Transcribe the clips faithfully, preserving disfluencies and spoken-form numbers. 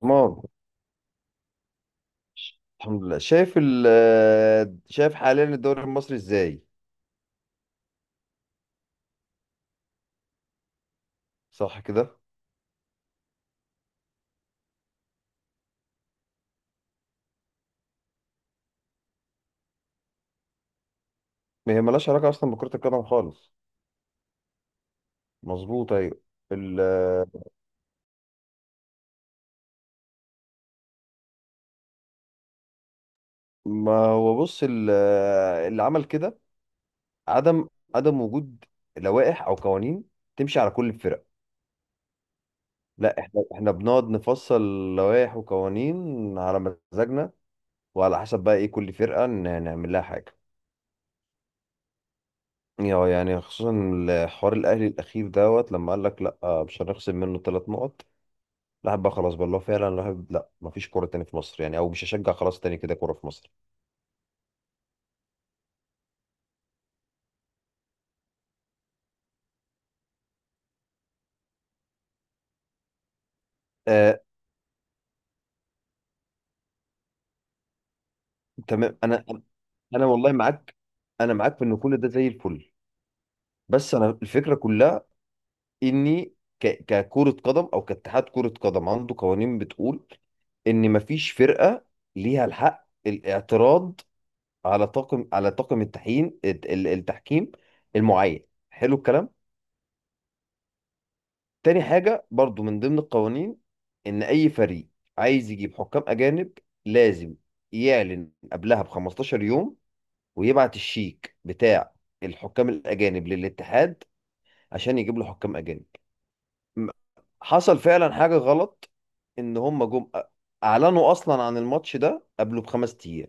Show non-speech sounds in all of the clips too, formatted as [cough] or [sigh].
تمام. الحمد لله. شايف ال شايف حاليا الدوري المصري ازاي؟ صح كده؟ ما هي ملهاش علاقه اصلا بكره القدم خالص. مظبوط، ايوه. ال ما هو بص، ال- اللي عمل كده عدم عدم وجود لوائح او قوانين تمشي على كل الفرق. لا، احنا احنا بنقعد نفصل لوائح وقوانين على مزاجنا، وعلى حسب بقى ايه كل فرقه ن- نعمل لها حاجه. يعني يعني خصوصا الحوار الاهلي الاخير دوت، لما قال لك لا مش هنخصم منه ثلاث نقط. الواحد بقى خلاص بقى اللي هو فعلا الواحد، لا مفيش كوره تاني في مصر يعني، او مش هشجع خلاص تاني كده كوره في مصر. آه، تمام. انا انا والله معاك. انا معاك في ان كل ده زي الفل. بس انا الفكره كلها اني، ك... ككره قدم او كاتحاد كره قدم عنده قوانين بتقول ان مفيش فرقه ليها الحق الاعتراض على طاقم على طاقم التحكيم التحكيم المعين. حلو الكلام. تاني حاجة برضو من ضمن القوانين، إن أي فريق عايز يجيب حكام أجانب لازم يعلن قبلها ب 15 يوم، ويبعت الشيك بتاع الحكام الأجانب للاتحاد عشان يجيب له حكام أجانب. م- حصل فعلا حاجة غلط، إن هم جم أ- أعلنوا أصلا عن الماتش ده قبله بخمس أيام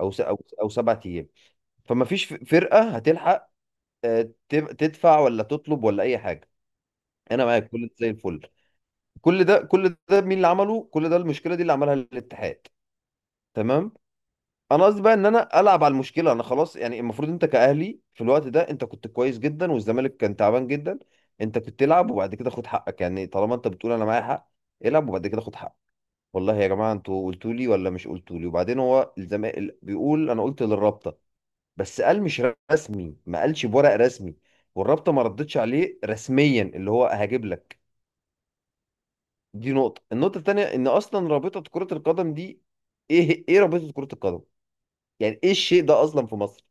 أو س... أو أو سبع أيام، فما فيش فرقة هتلحق آه، تب- تدفع ولا تطلب ولا أي حاجة. أنا معاك، كل زي الفل. كل ده كل ده مين اللي عمله، كل ده المشكله دي اللي عملها الاتحاد. تمام. انا قصدي بقى ان انا العب على المشكله، انا خلاص. يعني المفروض انت كاهلي في الوقت ده، انت كنت كويس جدا والزمالك كان تعبان جدا. انت كنت تلعب وبعد كده خد حقك. يعني طالما انت بتقول انا معايا حق، العب وبعد كده خد حقك. والله يا جماعه انتوا قلتوا لي ولا مش قلتوا لي؟ وبعدين هو الزمالك بيقول انا قلت للرابطه، بس قال مش رسمي، ما قالش بورق رسمي، والرابطه ما ردتش عليه رسميا، اللي هو هجيب لك. دي نقطة. النقطة التانية ان اصلا رابطة كرة القدم دي، ايه ايه رابطة كرة القدم؟ يعني ايه الشيء ده اصلا في مصر؟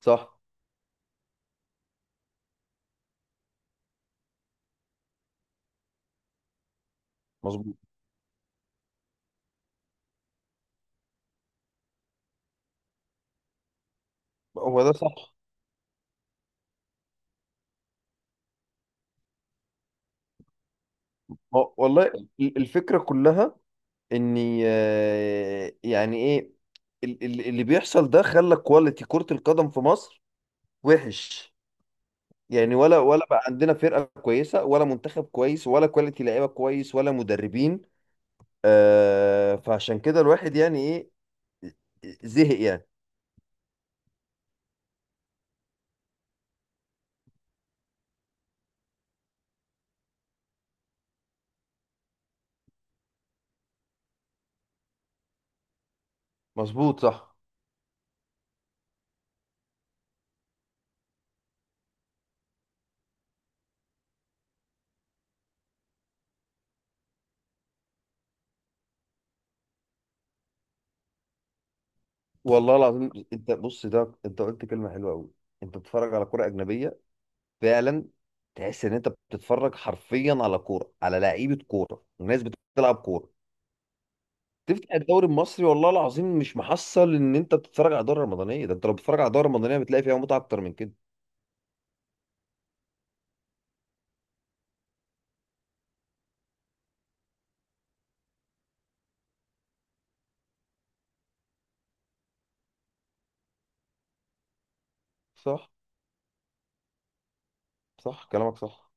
صح. مظبوط. هو ده صح. هو- والله ال- الفكرة كلها اني، آه، يعني ايه ال- ال- اللي بيحصل ده خلى كواليتي كرة القدم في مصر وحش. يعني ولا ولا بقى عندنا فرقة كويسة، ولا منتخب كويس، ولا كواليتي لعيبة كويس، ولا مدربين. آه، فعشان كده الواحد يعني ايه، زهق يعني. مظبوط، صح. والله العظيم انت بص، ده انت قلت كلمه حلوه قوي. انت بتتفرج على كوره اجنبيه فعلا، تحس ان انت بتتفرج حرفيا على كوره، على لعيبه كوره وناس بتلعب كوره. تفتح الدوري المصري، والله العظيم مش محصل ان انت بتتفرج على دوري رمضانيه. ده انت لو بتتفرج على دوري رمضانيه بتلاقي فيها متعه اكتر من كده. صح، صح، كلامك صح.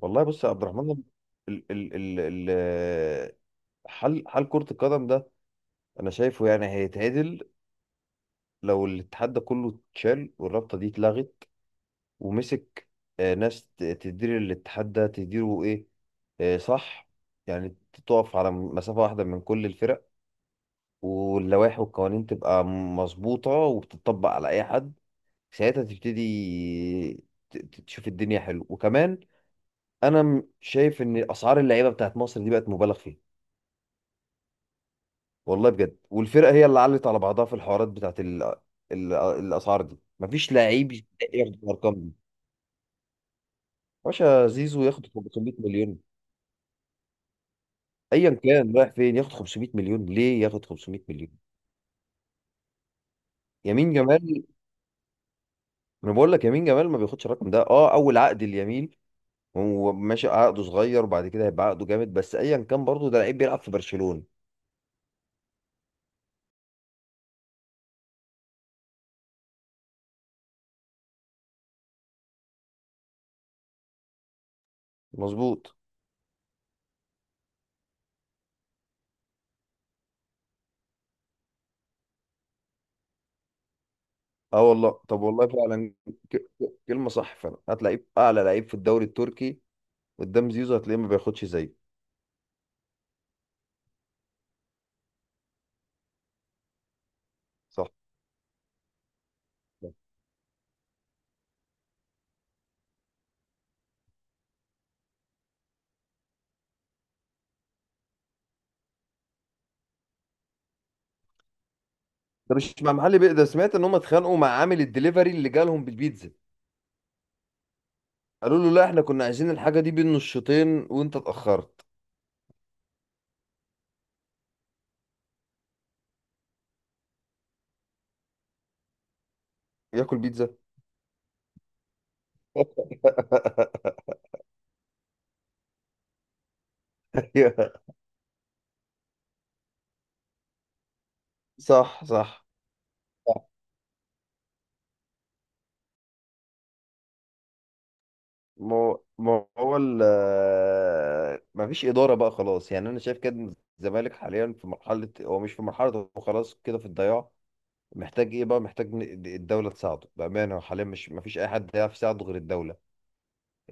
والله بص يا عبد الرحمن، ال ال ال ال حل حل كره القدم ده انا شايفه يعني هيتعدل، لو الاتحاد ده كله اتشال والرابطه دي اتلغت، ومسك آه، ناس ت- تدير الاتحاد ده، تديره ايه؟ آه، صح. يعني تقف على مسافة واحدة من كل الفرق، واللوائح والقوانين تبقى مظبوطة وبتطبق على أي حد. ساعتها تبتدي ت- ت- تشوف الدنيا حلو. وكمان أنا م- شايف إن أسعار اللعيبة بتاعت مصر دي بقت مبالغ فيها. والله بجد، والفرقة هي اللي علت على بعضها في الحوارات بتاعت ال... ال... الأسعار دي. مفيش لعيب ياخد الأرقام دي. باشا زيزو ياخد 500 مليون، ايا كان رايح فين ياخد 500 مليون؟ ليه ياخد 500 مليون؟ يمين جمال، انا بقول لك يمين جمال ما بياخدش الرقم ده. اه، اول عقد اليمين، هو ماشي عقده صغير، وبعد كده هيبقى عقده جامد. بس ايا كان برضه ده لعيب بيلعب في برشلونة. مظبوط. اه والله. طب والله فعلا، ك- ك- كلمة صح فعلا، هتلاقيه اعلى لعيب في الدوري التركي قدام زيزو، هتلاقيه ما بياخدش زيه. صح. ده مش مع محل بيه، ده سمعت ان هم اتخانقوا مع عامل الدليفري اللي جالهم بالبيتزا. قالوا له لا، احنا كنا عايزين الحاجة دي بين الشوطين وانت اتأخرت. ياكل بيتزا! [laughs] أيوه. صح، صح، صح. ما هو ما هو ال- ما فيش إدارة بقى خلاص. يعني أنا شايف كده إن الزمالك حاليا في مرحلة، هو مش في مرحلة، هو خلاص كده في الضياع. محتاج إيه بقى؟ محتاج إن الدولة تساعده. بأمانة هو حاليا مش، ما فيش أي حد يعرف يساعده غير الدولة.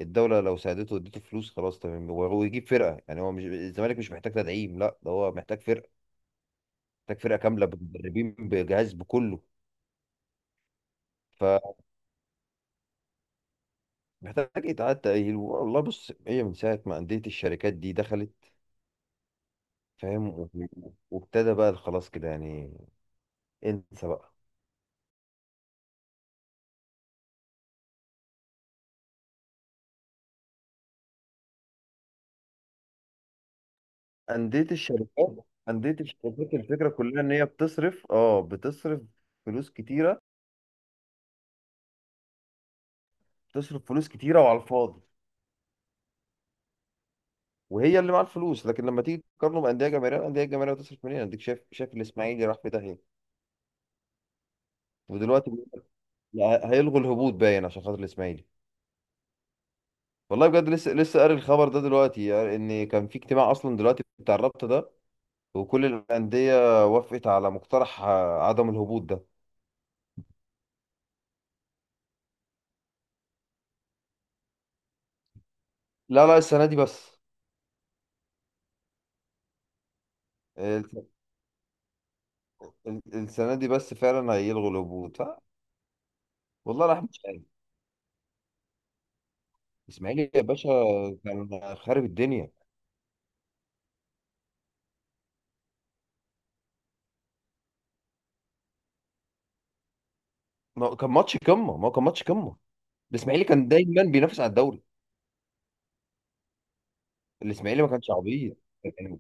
الدولة لو ساعدته واديته فلوس، خلاص تمام، وهو يجيب فرقة. يعني هو مش، الزمالك مش محتاج تدعيم، لا ده هو محتاج فرقة، محتاج فرقة كاملة بمدربين بجهاز بكله. ف محتاج يتعاد تأهيل. والله بص، هي من ساعة ما أندية الشركات دي دخلت، فاهم؟ و- وابتدى بقى خلاص كده، يعني انسى بقى. أندية الشركات أندية الشركات، الفكرة كلها إن هي بتصرف اه بتصرف فلوس كتيرة بتصرف فلوس كتيرة، وعلى الفاضي. وهي اللي معاها الفلوس، لكن لما تيجي تقارنه بأندية جماهيرية، الأندية الجماهيرية بتصرف منين؟ أديك شايف شايف الإسماعيلي راح في داهية. ودلوقتي بيقول لك لا، هيلغوا الهبوط باين عشان خاطر الإسماعيلي. والله بجد، لسه لسه قاري الخبر ده دلوقتي، يعني ان كان في اجتماع اصلا دلوقتي بتاع الرابطه ده، وكل الأندية وافقت على مقترح آه، عدم الهبوط ده. لا، لا، السنة دي بس. الس- ال- السنة دي بس فعلا هيلغوا الهبوط، ف- والله راح مش عارف. الإسماعيلي يا باشا كان خارب الدنيا. ما هو كان ماتش قمة ما هو كان ماتش قمة. الإسماعيلي كان دايما بينافس على الدوري. الإسماعيلي ما كانش عبيط. يعني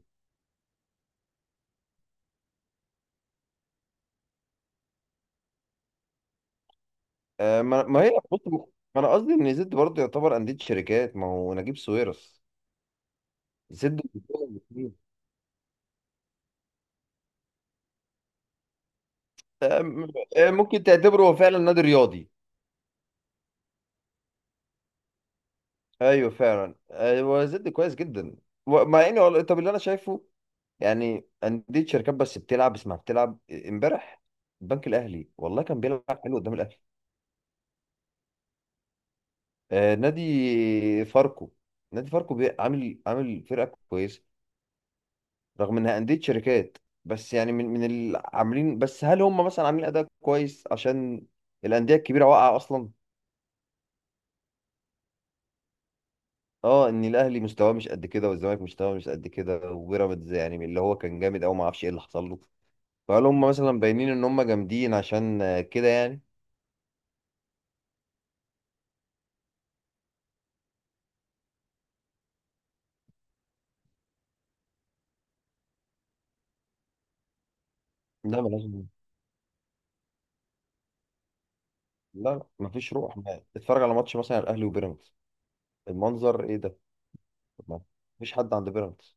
آه، ما ما هي بص ما أنا قصدي إن زد برضه يعتبر أندية شركات، ما هو نجيب ساويرس. زد آه، م- آه، ممكن تعتبره هو فعلا نادي رياضي. ايوه فعلا. آه، هو زد كويس جدا. و- مع انه والله- طب اللي انا شايفه، يعني انديه شركات بس بتلعب، اسمها بتلعب. امبارح البنك الاهلي والله كان بيلعب حلو قدام الاهلي. آه نادي فاركو. نادي فاركو بي- عامل عامل فرقه كويسه رغم انها انديه شركات. بس يعني من من اللي عاملين. بس هل هم مثلا عاملين اداء كويس عشان الانديه الكبيره واقعه اصلا؟ اه، ان الاهلي مستواه مش قد كده، والزمالك مستواه مش قد كده، وبيراميدز يعني اللي هو كان جامد قوي ما اعرفش ايه اللي حصل له. فهل هم مثلا باينين ان هم جامدين عشان آه، كده يعني؟ لا، ملهاش دعوة. لا، لا، مفيش روح. ما اتفرج على ماتش مثلا الاهلي وبيراميدز، المنظر ايه ده! ما مفيش حد عند بيراميدز.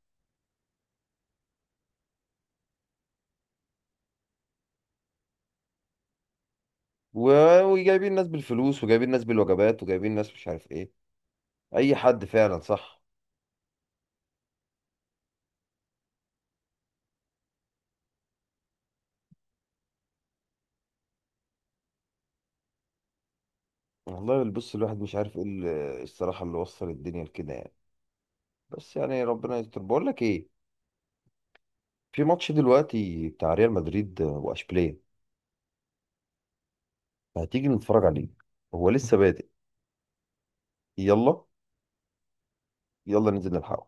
و- وجايبين ناس بالفلوس، وجايبين ناس بالوجبات، وجايبين ناس مش عارف ايه، اي حد فعلا، صح. والله بص، الواحد مش عارف ايه ال- الصراحه اللي وصل الدنيا لكده يعني. بس يعني ربنا يستر. بقول لك ايه؟ في ماتش دلوقتي بتاع ريال مدريد واشبيليه، هتيجي نتفرج عليه؟ هو لسه بادئ. يلا، يلا ننزل نلحقه.